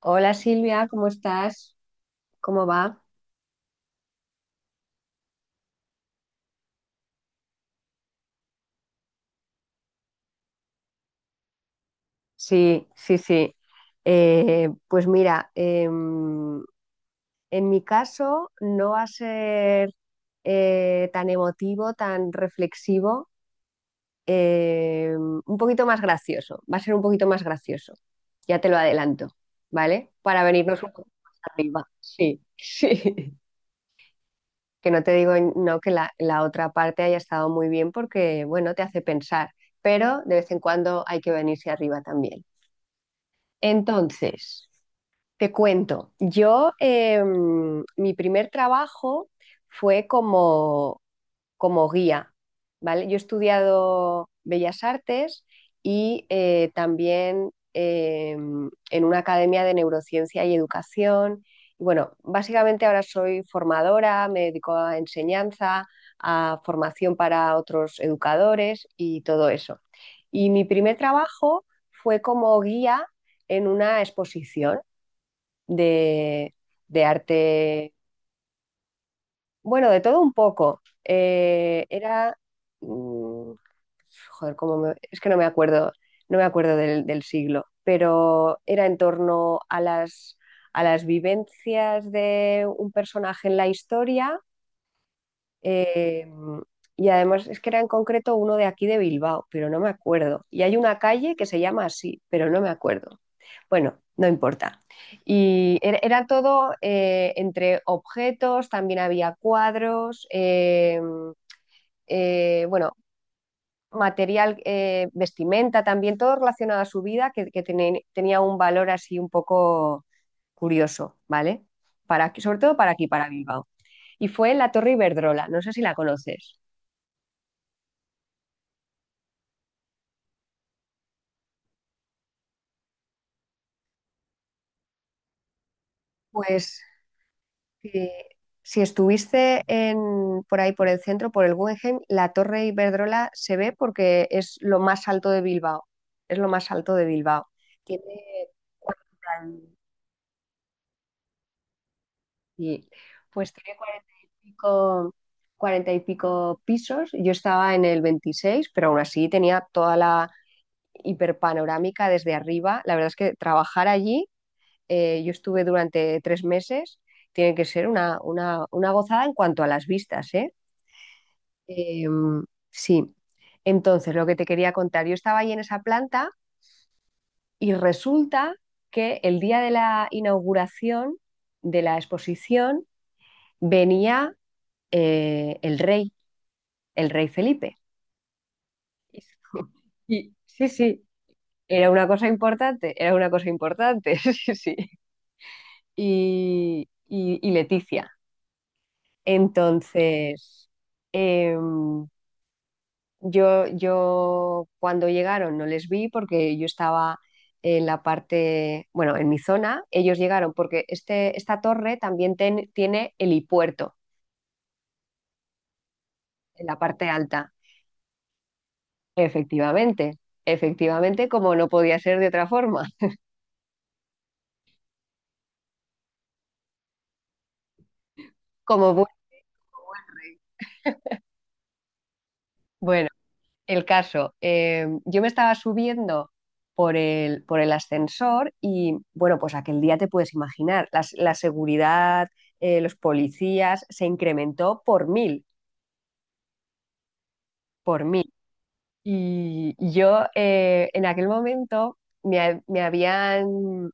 Hola Silvia, ¿cómo estás? ¿Cómo va? Sí, sí, sí. Pues mira, en mi caso no va a ser tan emotivo, tan reflexivo, un poquito más gracioso, va a ser un poquito más gracioso, ya te lo adelanto, ¿vale? Para venirnos un poco más arriba. Sí, sí. Que no te digo no que la otra parte haya estado muy bien porque, bueno, te hace pensar, pero de vez en cuando hay que venirse arriba también. Entonces, te cuento, yo, mi primer trabajo fue como guía, ¿vale? Yo he estudiado Bellas Artes y también en una academia de neurociencia y educación. Y bueno, básicamente ahora soy formadora, me dedico a enseñanza, a formación para otros educadores y todo eso. Y mi primer trabajo fue como guía en una exposición de, de arte, bueno, de todo un poco. Era... mm, Joder, es que no me acuerdo, no me acuerdo del siglo, pero era en torno a las vivencias de un personaje en la historia. eh, y además es que era en concreto uno de aquí de Bilbao, pero no me acuerdo. Y hay una calle que se llama así, pero no me acuerdo. Bueno, no importa. Y era todo, entre objetos, también había cuadros, bueno, material, vestimenta también, todo relacionado a su vida que, tenía un valor así un poco curioso, ¿vale? Para, sobre todo para aquí, para Bilbao. Y fue en la Torre Iberdrola, no sé si la conoces. Pues si, si estuviste en, por ahí, por el centro, por el Guggenheim, la Torre Iberdrola se ve porque es lo más alto de Bilbao. Es lo más alto de Bilbao. Tiene 40 y, pues tiene 40 y pico, 40 y pico pisos. Yo estaba en el 26, pero aún así tenía toda la hiperpanorámica desde arriba. La verdad es que trabajar allí, yo estuve durante 3 meses, tiene que ser una gozada en cuanto a las vistas, ¿eh? Eh, Sí. Entonces, lo que te quería contar, yo estaba ahí en esa planta y resulta que el día de la inauguración de la exposición venía, eh, el rey, el rey Felipe. Y sí, sí, era una cosa importante, era una cosa importante, sí, sí. Y, y Leticia. Entonces, em, yo, yo cuando llegaron no les vi porque yo estaba en la parte, bueno, en mi zona, ellos llegaron porque esta torre también tiene helipuerto en la parte alta. Efectivamente, efectivamente, como no podía ser de otra forma, como bu- bueno. El caso, yo me estaba subiendo por el ascensor y bueno, pues aquel día te puedes imaginar, la seguridad, los policías, se incrementó por mil, por mil. Y yo, en aquel momento me, ha- me habían,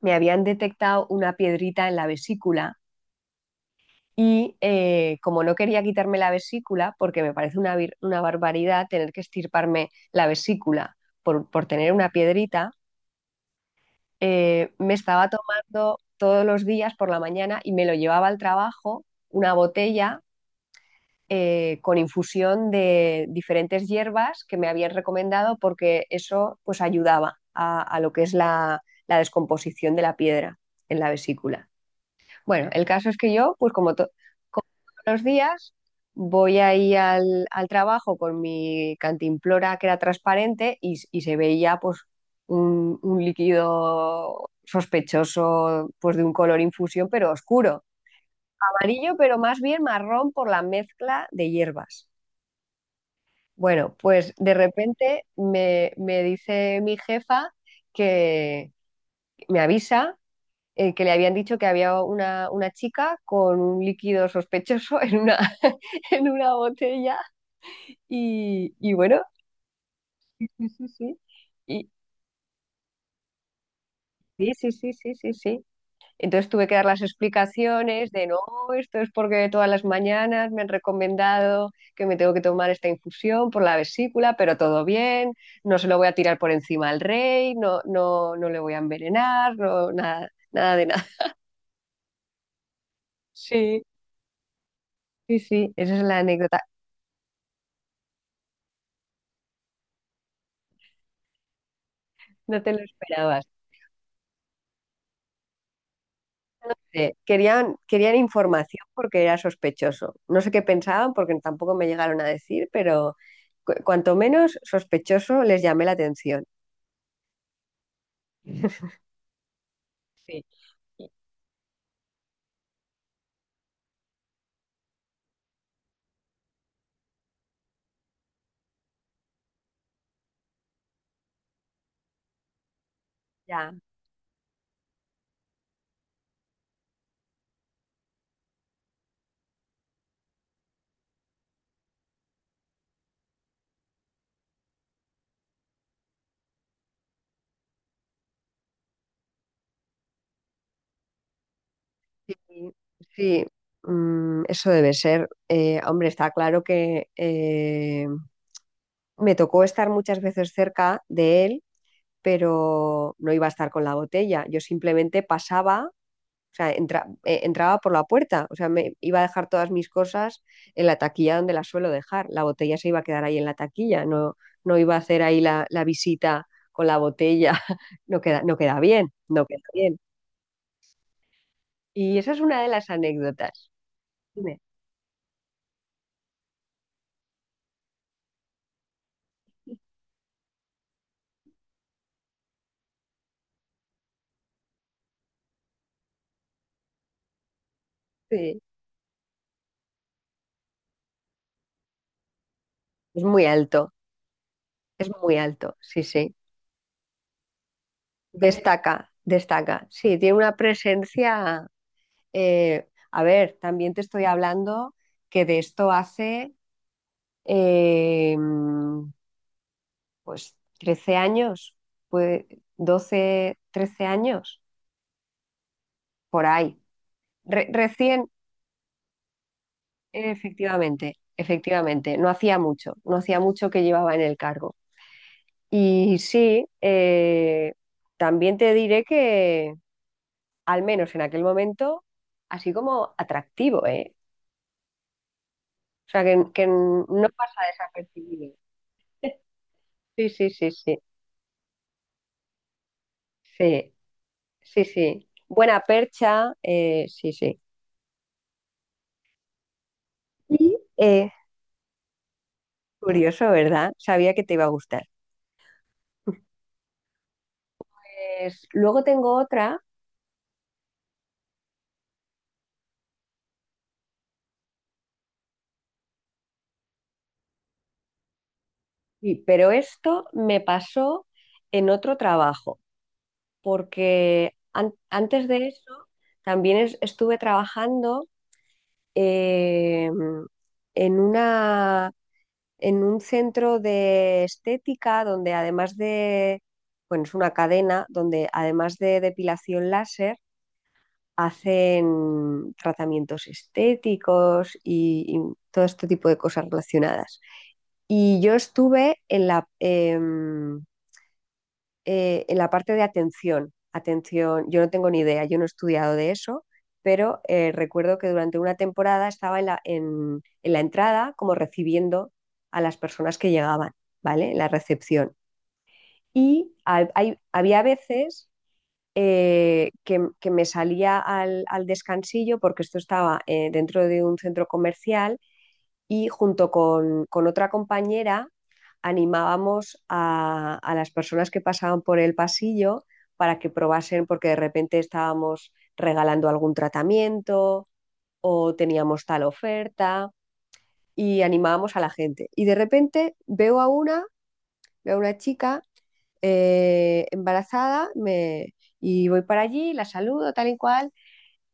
me habían detectado una piedrita en la vesícula y como no quería quitarme la vesícula, porque me parece una, una barbaridad tener que estirparme la vesícula por tener una piedrita, me estaba tomando todos los días por la mañana y me lo llevaba al trabajo una botella, con infusión de diferentes hierbas que me habían recomendado porque eso pues ayudaba a lo que es la, la descomposición de la piedra en la vesícula. Bueno, el caso es que yo, pues como todos los días, voy ahí al, al trabajo con mi cantimplora que era transparente y, y se veía pues un líquido sospechoso, pues de un color infusión, pero oscuro. Amarillo, pero más bien marrón por la mezcla de hierbas. Bueno, pues de repente me dice mi jefa que me avisa, que le habían dicho que había una chica con un líquido sospechoso en una, en una botella. Y bueno, sí, sí, sí. Y, sí, sí, sí, sí, sí, sí. Entonces tuve que dar las explicaciones de no, esto es porque todas las mañanas me han recomendado que me tengo que tomar esta infusión por la vesícula, pero todo bien, no se lo voy a tirar por encima al rey, no, no, no le voy a envenenar, no, nada, nada de nada. Sí, sí, sí, esa es la anécdota. No te lo esperabas. Sí, querían, querían información porque era sospechoso. No sé qué pensaban porque tampoco me llegaron a decir, pero cuanto menos sospechoso les llamé la atención. Sí, ya, sí, sí, eso debe ser. Hombre, está claro que, me tocó estar muchas veces cerca de él, pero no iba a estar con la botella. Yo simplemente pasaba. O sea, entraba por la puerta. O sea, me iba a dejar todas mis cosas en la taquilla donde las suelo dejar. La botella se iba a quedar ahí en la taquilla. No, no iba a hacer ahí la visita con la botella. No queda, no queda bien, no queda bien. Y esa es una de las anécdotas. Dime. Sí. Es muy alto, es muy alto, sí, sí. Destaca, destaca. Sí, tiene una presencia. A ver, también te estoy hablando que de esto hace, eh, pues 13 años, pues 12 13 años, por ahí. Recién, efectivamente, efectivamente, no hacía mucho, no hacía mucho que llevaba en el cargo. Y sí, también te diré que, al menos en aquel momento, así como atractivo, ¿eh? O sea, que no pasa desapercibido. Sí, sí, sí, sí, sí, sí, sí. Buena percha, sí, sí. Y, curioso, ¿verdad? Sabía que te iba a gustar. Pues, luego tengo otra, sí. Pero esto me pasó en otro trabajo, porque antes de eso también estuve trabajando, eh, en una, en un centro de estética donde además de, bueno, es una cadena donde además de depilación láser, hacen tratamientos estéticos y todo este tipo de cosas relacionadas. Y yo estuve en la parte de atención. Atención, yo no tengo ni idea, yo no he estudiado de eso, pero recuerdo que durante una temporada estaba en la entrada como recibiendo a las personas que llegaban, ¿vale? En la recepción. Y había veces, que me salía al descansillo porque esto estaba, dentro de un centro comercial y junto con otra compañera animábamos a las personas que pasaban por el pasillo para que probasen porque de repente estábamos regalando algún tratamiento o teníamos tal oferta y animábamos a la gente. Y de repente veo a una chica, embarazada, y voy para allí, la saludo tal y cual,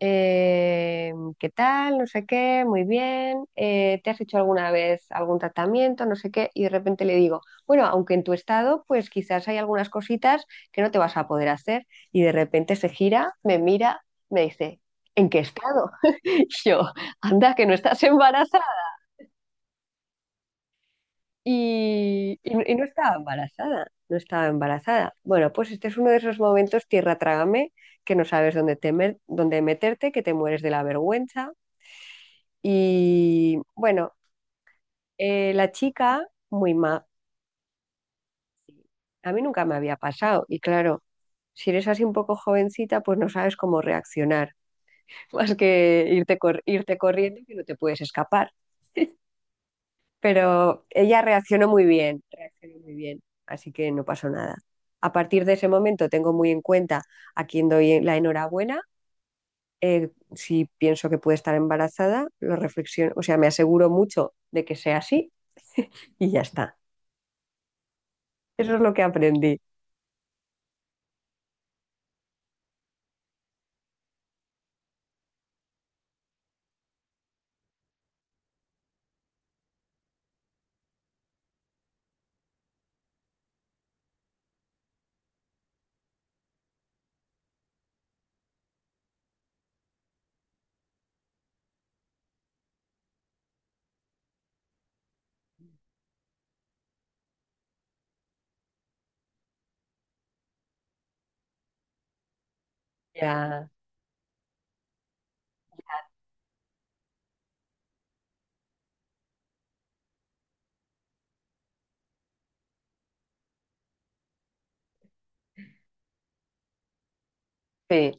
eh, ¿qué tal? No sé qué, muy bien, ¿te has hecho alguna vez algún tratamiento? No sé qué, y de repente le digo, bueno, aunque en tu estado, pues quizás hay algunas cositas que no te vas a poder hacer, y de repente se gira, me mira, me dice, ¿en qué estado? Y yo, anda, que no estás embarazada. Y, no, y no estaba embarazada, no estaba embarazada. Bueno, pues este es uno de esos momentos, tierra trágame, que no sabes dónde, temer, dónde meterte, que te mueres de la vergüenza. Y bueno, la chica, a mí nunca me había pasado. Y claro, si eres así un poco jovencita, pues no sabes cómo reaccionar, más que irte, irte corriendo que no te puedes escapar. Pero ella reaccionó muy bien, así que no pasó nada. A partir de ese momento tengo muy en cuenta a quién doy la enhorabuena. eh, si pienso que puede estar embarazada, lo reflexiono, o sea, me aseguro mucho de que sea así y ya está. Eso es lo que aprendí. Ya, sí.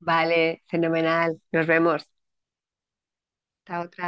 Vale, fenomenal. Nos vemos. Hasta otra.